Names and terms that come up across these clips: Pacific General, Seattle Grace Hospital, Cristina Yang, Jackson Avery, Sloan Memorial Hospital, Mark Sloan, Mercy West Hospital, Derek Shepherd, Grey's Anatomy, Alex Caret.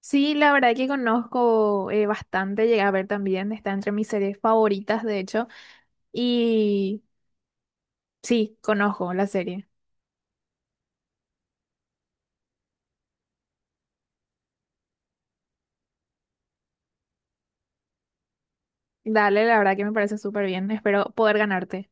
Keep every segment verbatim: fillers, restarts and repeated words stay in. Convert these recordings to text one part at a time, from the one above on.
Sí, la verdad que conozco eh, bastante, llegué a ver también, está entre mis series favoritas, de hecho, y sí, conozco la serie. Dale, la verdad que me parece súper bien, espero poder ganarte.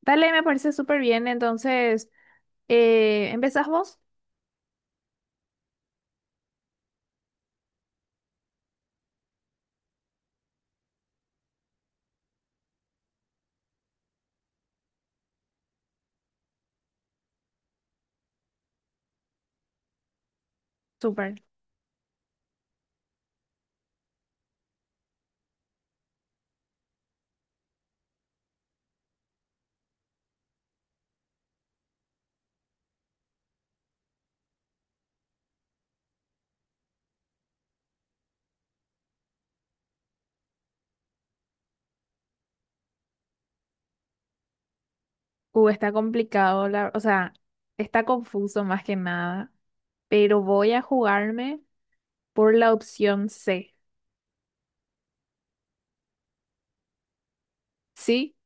Dale, me parece súper bien, entonces, eh, ¿empezás vos? Súper. Uh, está complicado, la- o sea, está confuso más que nada, pero voy a jugarme por la opción C, ¿sí?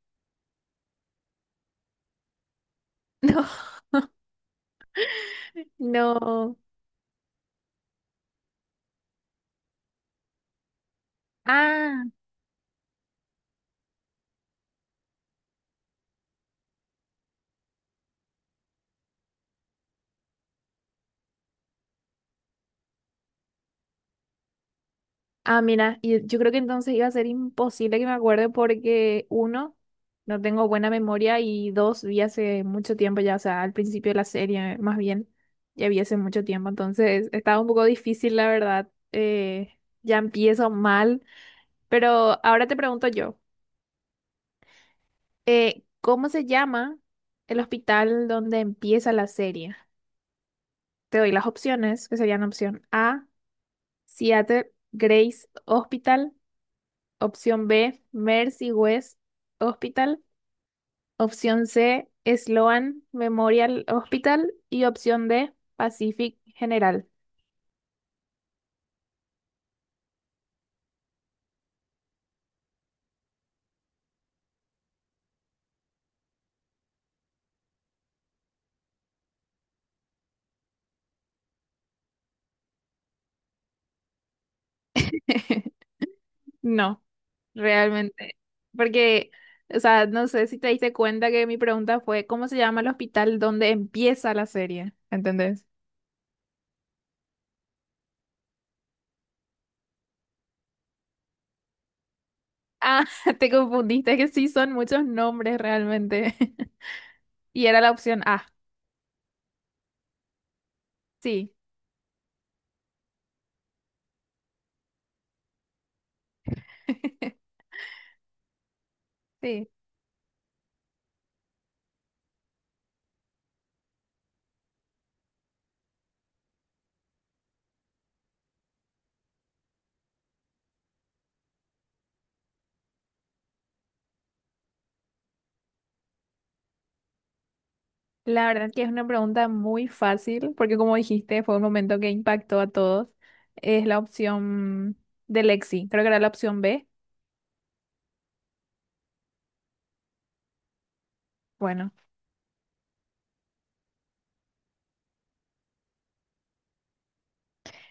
No, no. Ah. Ah, mira, y yo creo que entonces iba a ser imposible que me acuerde porque uno, no tengo buena memoria y dos, vi hace mucho tiempo ya, o sea, al principio de la serie más bien, ya vi hace mucho tiempo, entonces estaba un poco difícil la verdad, eh, ya empiezo mal, pero ahora te pregunto yo, eh, ¿cómo se llama el hospital donde empieza la serie? Te doy las opciones, que serían opción A, Seattle Grace Hospital. Opción B, Mercy West Hospital. Opción C, Sloan Memorial Hospital. Y opción D, Pacific General. No, realmente. Porque, o sea, no sé si te diste cuenta que mi pregunta fue, ¿cómo se llama el hospital donde empieza la serie? ¿Entendés? Ah, te confundiste, que sí son muchos nombres realmente. Y era la opción A. Sí, sí. La verdad que es una pregunta muy fácil, porque como dijiste, fue un momento que impactó a todos. Es la opción de Lexi, creo que era la opción B. Bueno,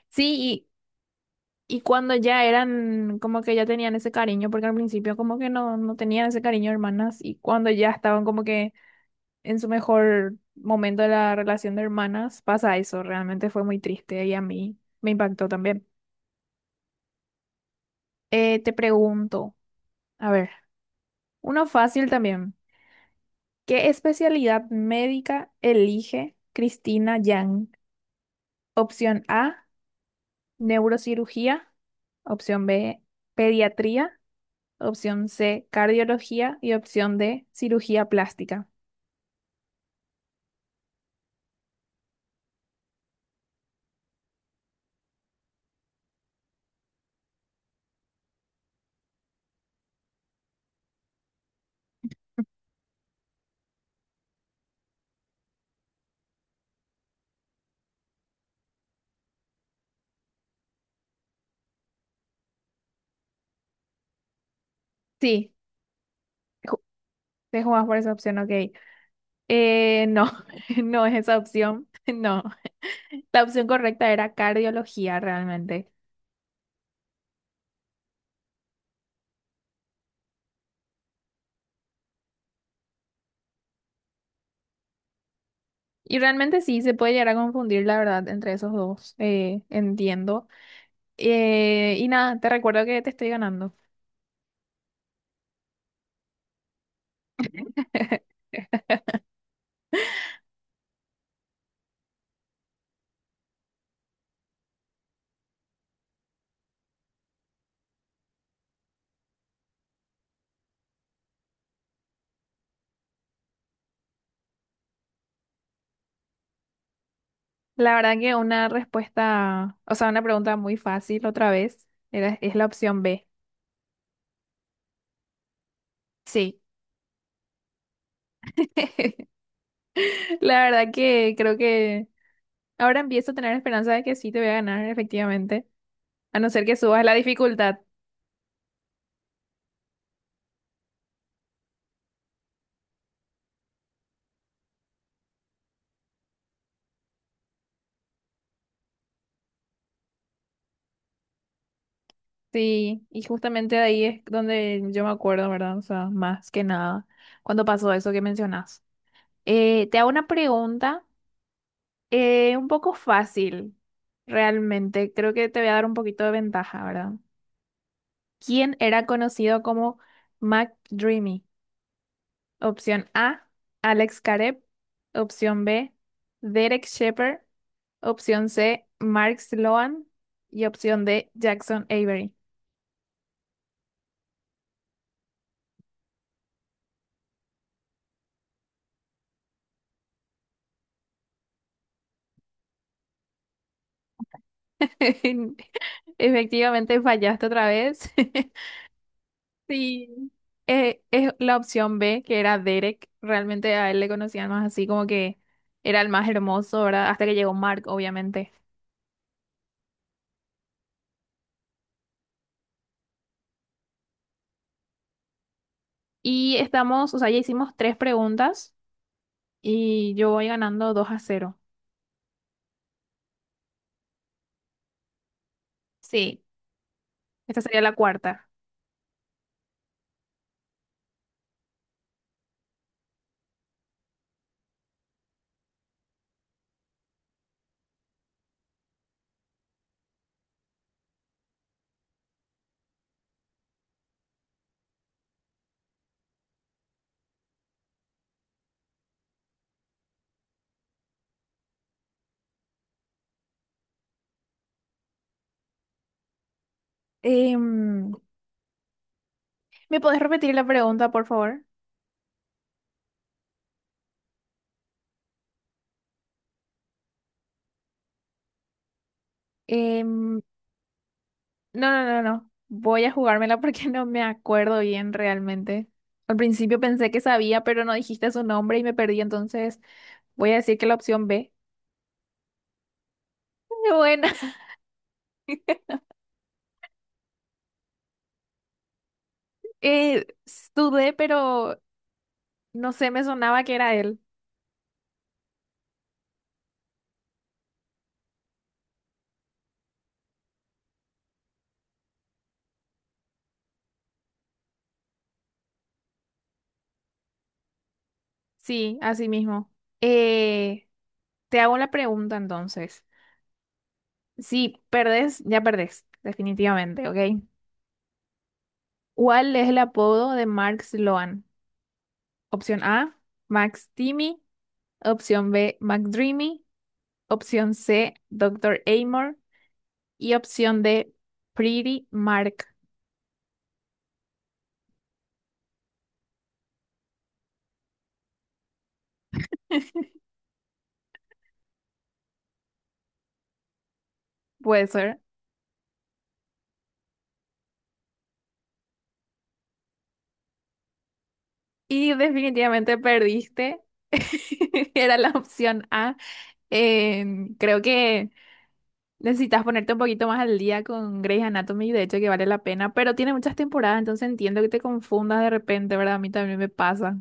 sí, y, y cuando ya eran, como que ya tenían ese cariño, porque al principio como que no, no tenían ese cariño hermanas, y cuando ya estaban como que en su mejor momento de la relación de hermanas, pasa eso, realmente fue muy triste y a mí me impactó también. Eh, te pregunto, a ver, uno fácil también. ¿Qué especialidad médica elige Cristina Yang? Opción A, neurocirugía. Opción B, pediatría. Opción C, cardiología. Y opción D, cirugía plástica. Sí, ju- te jugás por esa opción, ok. Eh, no, no es esa opción. No, la opción correcta era cardiología realmente. Y realmente sí, se puede llegar a confundir, la verdad, entre esos dos. Eh, entiendo. Eh, y nada, te recuerdo que te estoy ganando. La verdad que una respuesta, o sea, una pregunta muy fácil otra vez, era, es la opción B. Sí. La verdad que creo que ahora empiezo a tener esperanza de que sí te voy a ganar, efectivamente, a no ser que subas la dificultad. Sí, y justamente ahí es donde yo me acuerdo, ¿verdad? O sea, más que nada, cuando pasó eso que mencionas. Eh, te hago una pregunta eh, un poco fácil, realmente. Creo que te voy a dar un poquito de ventaja, ¿verdad? ¿Quién era conocido como Mac Dreamy? Opción A, Alex Caret. Opción B, Derek Shepherd. Opción C, Mark Sloan. Y opción D, Jackson Avery. Efectivamente, fallaste otra vez. Sí. Eh, es la opción B, que era Derek. Realmente a él le conocían más así como que era el más hermoso, ¿verdad? Hasta que llegó Mark, obviamente. Y estamos, o sea, ya hicimos tres preguntas. Y yo voy ganando dos a cero. Sí. Esta sería la cuarta. Em, ¿Me podés repetir la pregunta, por favor? Em, no, no, no, no. Voy a jugármela porque no me acuerdo bien realmente. Al principio pensé que sabía, pero no dijiste su nombre y me perdí, entonces voy a decir que la opción B. Bueno, eh, dudé, pero no sé, me sonaba que era él. Sí, así mismo. Eh, Te hago la pregunta entonces. Si perdés, ya perdés, definitivamente, ¿ok? ¿Cuál es el apodo de Mark Sloan? Opción A, Max Timmy. Opción B, McDreamy. Opción C, Doctor Amor. Y opción D, Pretty Mark. Puede ser. Y definitivamente perdiste. Era la opción A. Eh, Creo que necesitas ponerte un poquito más al día con Grey's Anatomy, de hecho que vale la pena, pero tiene muchas temporadas, entonces entiendo que te confundas de repente, ¿verdad? A mí también me pasa.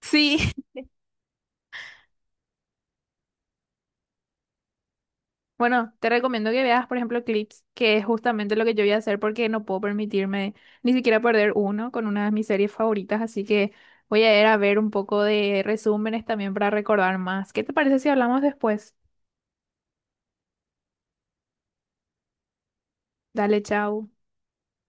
Sí, bueno, te recomiendo que veas, por ejemplo, clips, que es justamente lo que yo voy a hacer porque no puedo permitirme ni siquiera perder uno con una de mis series favoritas, así que voy a ir a ver un poco de resúmenes también para recordar más. ¿Qué te parece si hablamos después? Dale, chao.